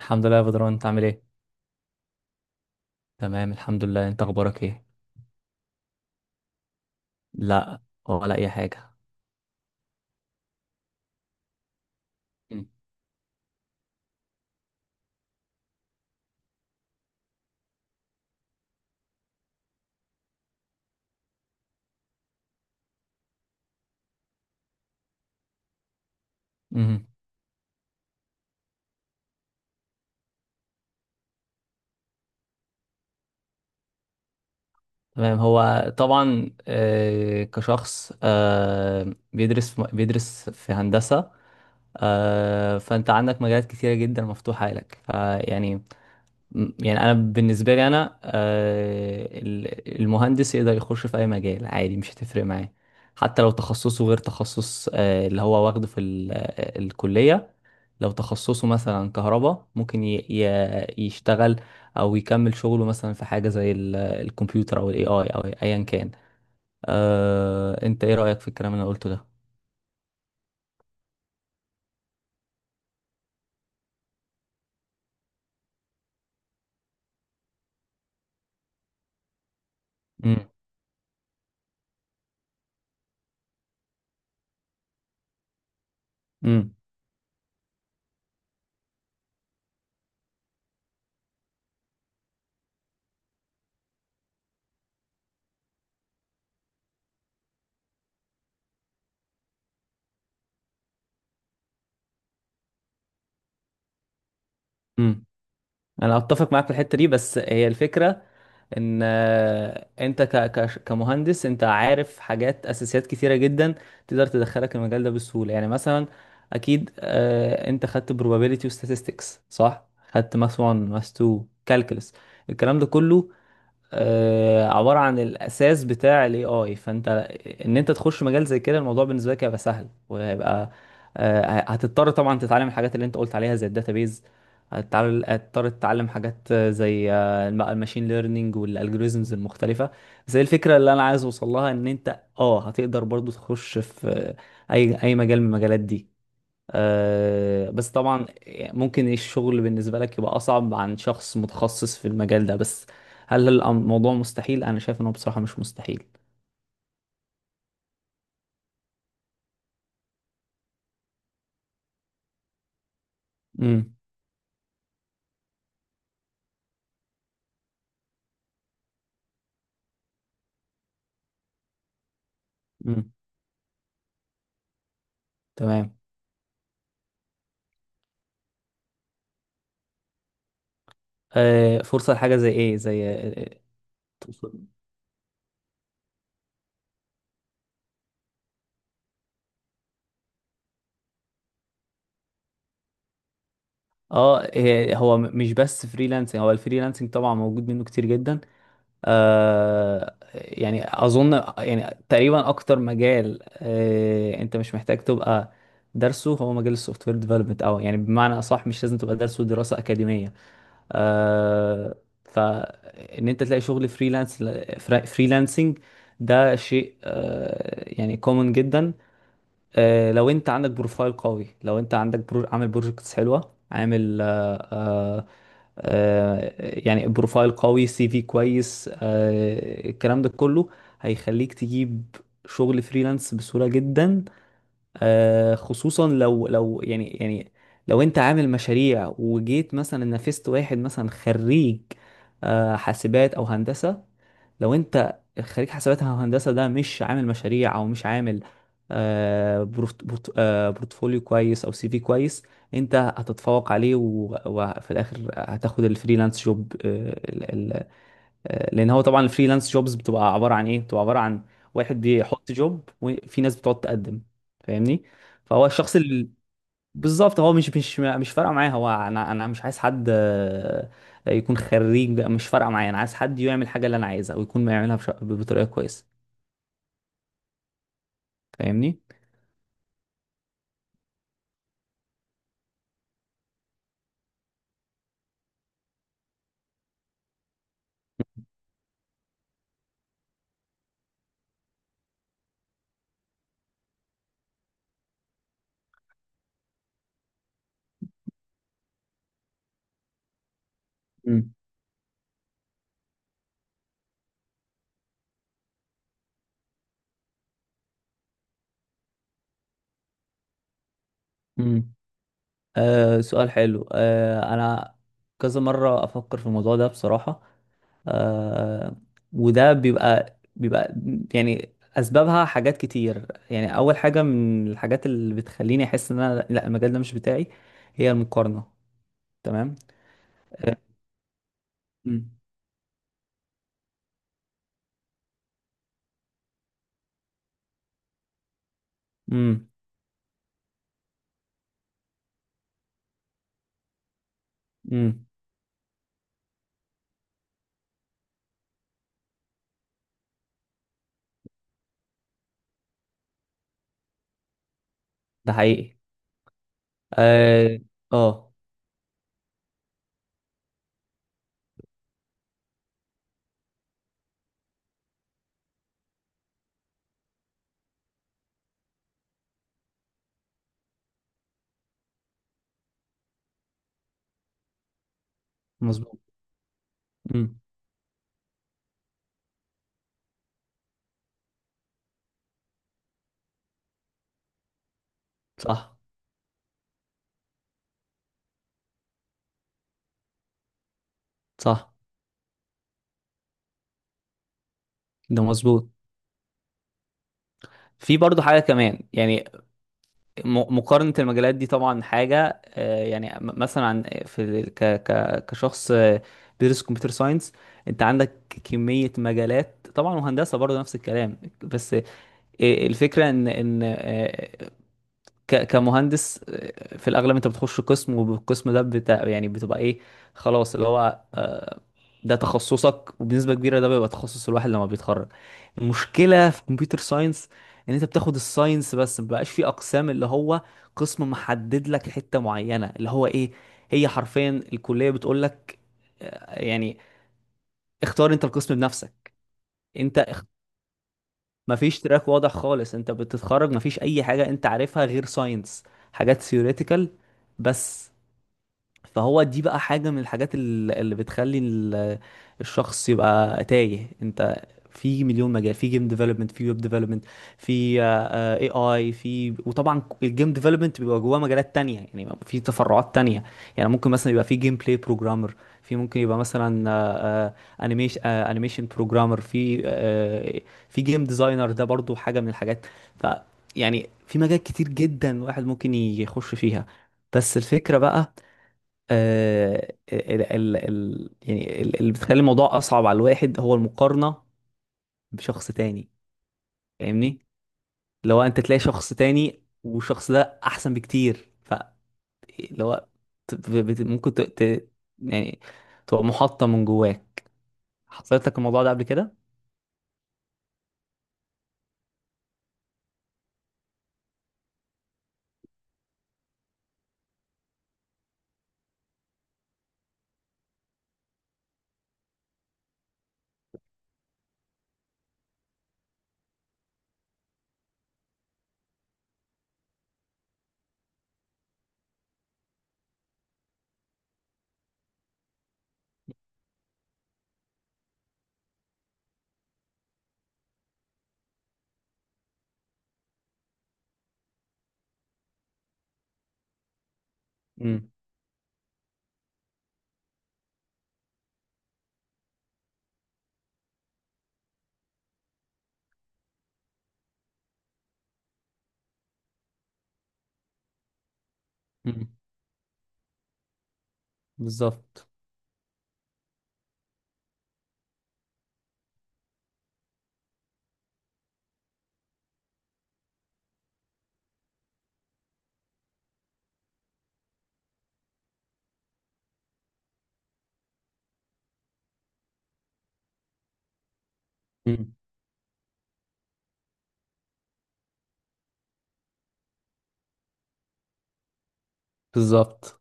الحمد لله يا بدران، انت عامل ايه؟ تمام، الحمد لله. انت اخبارك ايه؟ لا. ولا اي حاجه. مم. مم. تمام. هو طبعا كشخص بيدرس في هندسه. فانت عندك مجالات كتيره جدا مفتوحه لك فيعني. يعني بالنسبه لي انا المهندس يقدر يخش في اي مجال عادي، مش هتفرق معاه. حتى لو تخصصه غير تخصص اللي هو واخده في الكليه. لو تخصصه مثلا كهرباء ممكن يشتغل، او يكمل شغله مثلا في حاجه زي الكمبيوتر او الاي اي او ايا كان. انت ايه رايك في الكلام اللي انا قلته ده؟ امم. امم. انا اتفق معاك في الحته دي، بس هي الفكره ان انت كمهندس انت عارف حاجات اساسيات كتيره جدا تقدر تدخلك المجال ده بسهوله، يعني مثلا. اكيد انت خدت probability و statistics، صح. خدت ماس 1 ماس 2 calculus. الكلام ده كله عبارة عن الأساس بتاع ال AI. فأنت إن أنت تخش مجال زي كده، الموضوع بالنسبة لك هيبقى سهل وهيبقى، هتضطر طبعا تتعلم الحاجات اللي أنت قلت عليها زي الداتابيز. هتضطر تتعلم حاجات زي الماشين ليرنينج والالجوريزمز المختلفة. بس هي الفكرة اللي أنا عايز أوصل لها إن أنت هتقدر برضو تخش في أي مجال من المجالات دي. بس طبعا ممكن الشغل بالنسبة لك يبقى أصعب عن شخص متخصص في المجال ده، بس هل الموضوع مستحيل؟ أنا شايف إنه بصراحة مش مستحيل. امم. امم. تمام. فرصة لحاجة زي إيه؟ زي تقصد- اه هو مش بس فريلانسنج، هو الفريلانسنج طبعا موجود منه كتير جدا. يعني اظن يعني تقريبا اكتر مجال انت مش محتاج تبقى درسه هو مجال السوفت وير ديفلوبمنت، او يعني بمعنى اصح مش لازم تبقى درسه دراسه اكاديميه. آه فان انت تلاقي شغل فريلانس فريلانسنج، ده شيء يعني كومن جدا. لو انت عندك بروفايل قوي، لو انت عندك برو... عامل بروجكتس حلوه، عامل يعني بروفايل قوي، سي في كويس، الكلام ده كله هيخليك تجيب شغل فريلانس بسهوله جدا. خصوصا لو يعني لو انت عامل مشاريع وجيت مثلا نافست واحد، مثلا خريج حاسبات او هندسة. لو انت خريج حاسبات او هندسة ده مش عامل مشاريع او مش عامل بورتفوليو كويس او سي في كويس، انت هتتفوق عليه وفي الاخر هتاخد الفريلانس جوب. لان هو طبعا الفريلانس جوبز بتبقى عباره عن ايه، بتبقى عباره عن واحد بيحط جوب وفي ناس بتقعد تقدم. فاهمني. فهو الشخص اللي بالظبط، هو مش فارقه معاه، هو انا مش عايز حد يكون خريج، مش فارقه معايا، انا عايز حد يعمل الحاجه اللي انا عايزها ويكون بيعملها بطريقه كويسه. فاهمني. امم. امم. سؤال حلو، انا كذا مره افكر في الموضوع ده بصراحه. آه وده بيبقى يعني اسبابها حاجات كتير، يعني اول حاجه من الحاجات اللي بتخليني احس ان انا، لا، المجال ده مش بتاعي، هي المقارنه. تمام. مم. امم. امم. ده حقيقي. اه، آه، مظبوط. امم. صح. صح. ده مظبوط. في برضو حاجه كمان، يعني مقارنة المجالات دي طبعا حاجة يعني مثلا عن في ك ك كشخص بيدرس كمبيوتر ساينس، انت عندك كمية مجالات طبعا، وهندسة برضه نفس الكلام، بس الفكرة ان كمهندس في الاغلب انت بتخش قسم والقسم ده بتاع، يعني بتبقى ايه، خلاص، اللي هو ده تخصصك وبنسبه كبيره ده بيبقى تخصص الواحد لما بيتخرج. المشكله في كمبيوتر ساينس ان انت بتاخد الساينس بس، مبقاش في اقسام، اللي هو قسم محدد لك حته معينه، اللي هو ايه. هي حرفيا الكليه بتقول لك يعني اختار انت القسم بنفسك. انت مفيش تراك واضح خالص، انت بتتخرج مفيش اي حاجه انت عارفها غير ساينس، حاجات ثيوريتيكال بس. فهو دي بقى حاجة من الحاجات اللي بتخلي الشخص يبقى تايه. انت في مليون مجال، في جيم ديفلوبمنت، في ويب ديفلوبمنت، في اي اي، وطبعا الجيم ديفلوبمنت بيبقى جواه مجالات تانية، يعني في تفرعات تانية. يعني ممكن مثلا يبقى في جيم بلاي بروجرامر، في، ممكن يبقى مثلا انيميشن بروجرامر، في في جيم ديزاينر، ده برضو حاجة من الحاجات. ف يعني في مجال كتير جدا الواحد ممكن يخش فيها. بس الفكرة بقى ال ال ال يعني اللي بتخلي الموضوع اصعب على الواحد هو المقارنه بشخص تاني. فاهمني. لو انت تلاقي شخص تاني والشخص ده احسن بكتير، لو ممكن يعني تبقى محطه من جواك، حصلت لك الموضوع ده قبل كده؟ امم. امم. بالظبط. امم. بالظبط.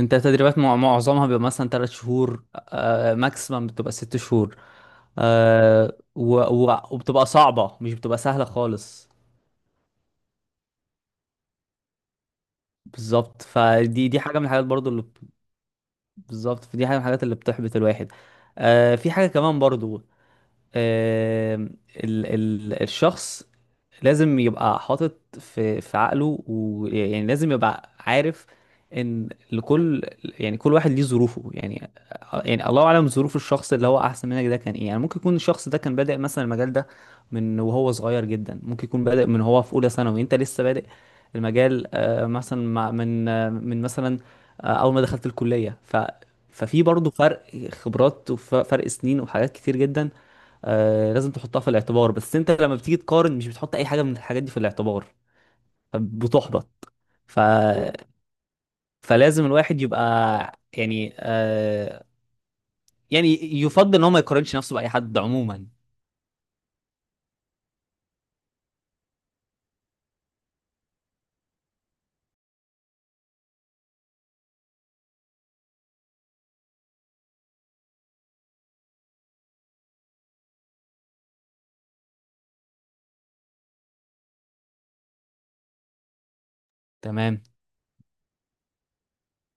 انت تدريبات معظمها بيبقى مثلا 3 شهور، ماكسيمم بتبقى 6 شهور. وبتبقى صعبة، مش بتبقى سهلة خالص. بالظبط، فدي حاجة من الحاجات برضو اللي بالظبط، فدي حاجة من الحاجات اللي بتحبط الواحد. في حاجة كمان برضو، آه الشخص لازم يبقى حاطط في عقله، ويعني لازم يبقى عارف ان لكل، يعني كل واحد ليه ظروفه، يعني يعني الله اعلم ظروف الشخص اللي هو احسن منك ده كان ايه. يعني ممكن يكون الشخص ده كان بادئ مثلا المجال ده من وهو صغير جدا، ممكن يكون بادئ من هو في اولى ثانوي، انت لسه بادئ المجال مثلا من مثلا اول ما دخلت الكلية، ففي برضه فرق خبرات، وفرق سنين، وحاجات كتير جدا. لازم تحطها في الاعتبار، بس انت لما بتيجي تقارن مش بتحط اي حاجه من الحاجات دي في الاعتبار. فبتحبط. ف... فلازم الواحد يبقى، يعني يعني يفضل ان هو ما يقارنش نفسه باي حد عموما. تمام.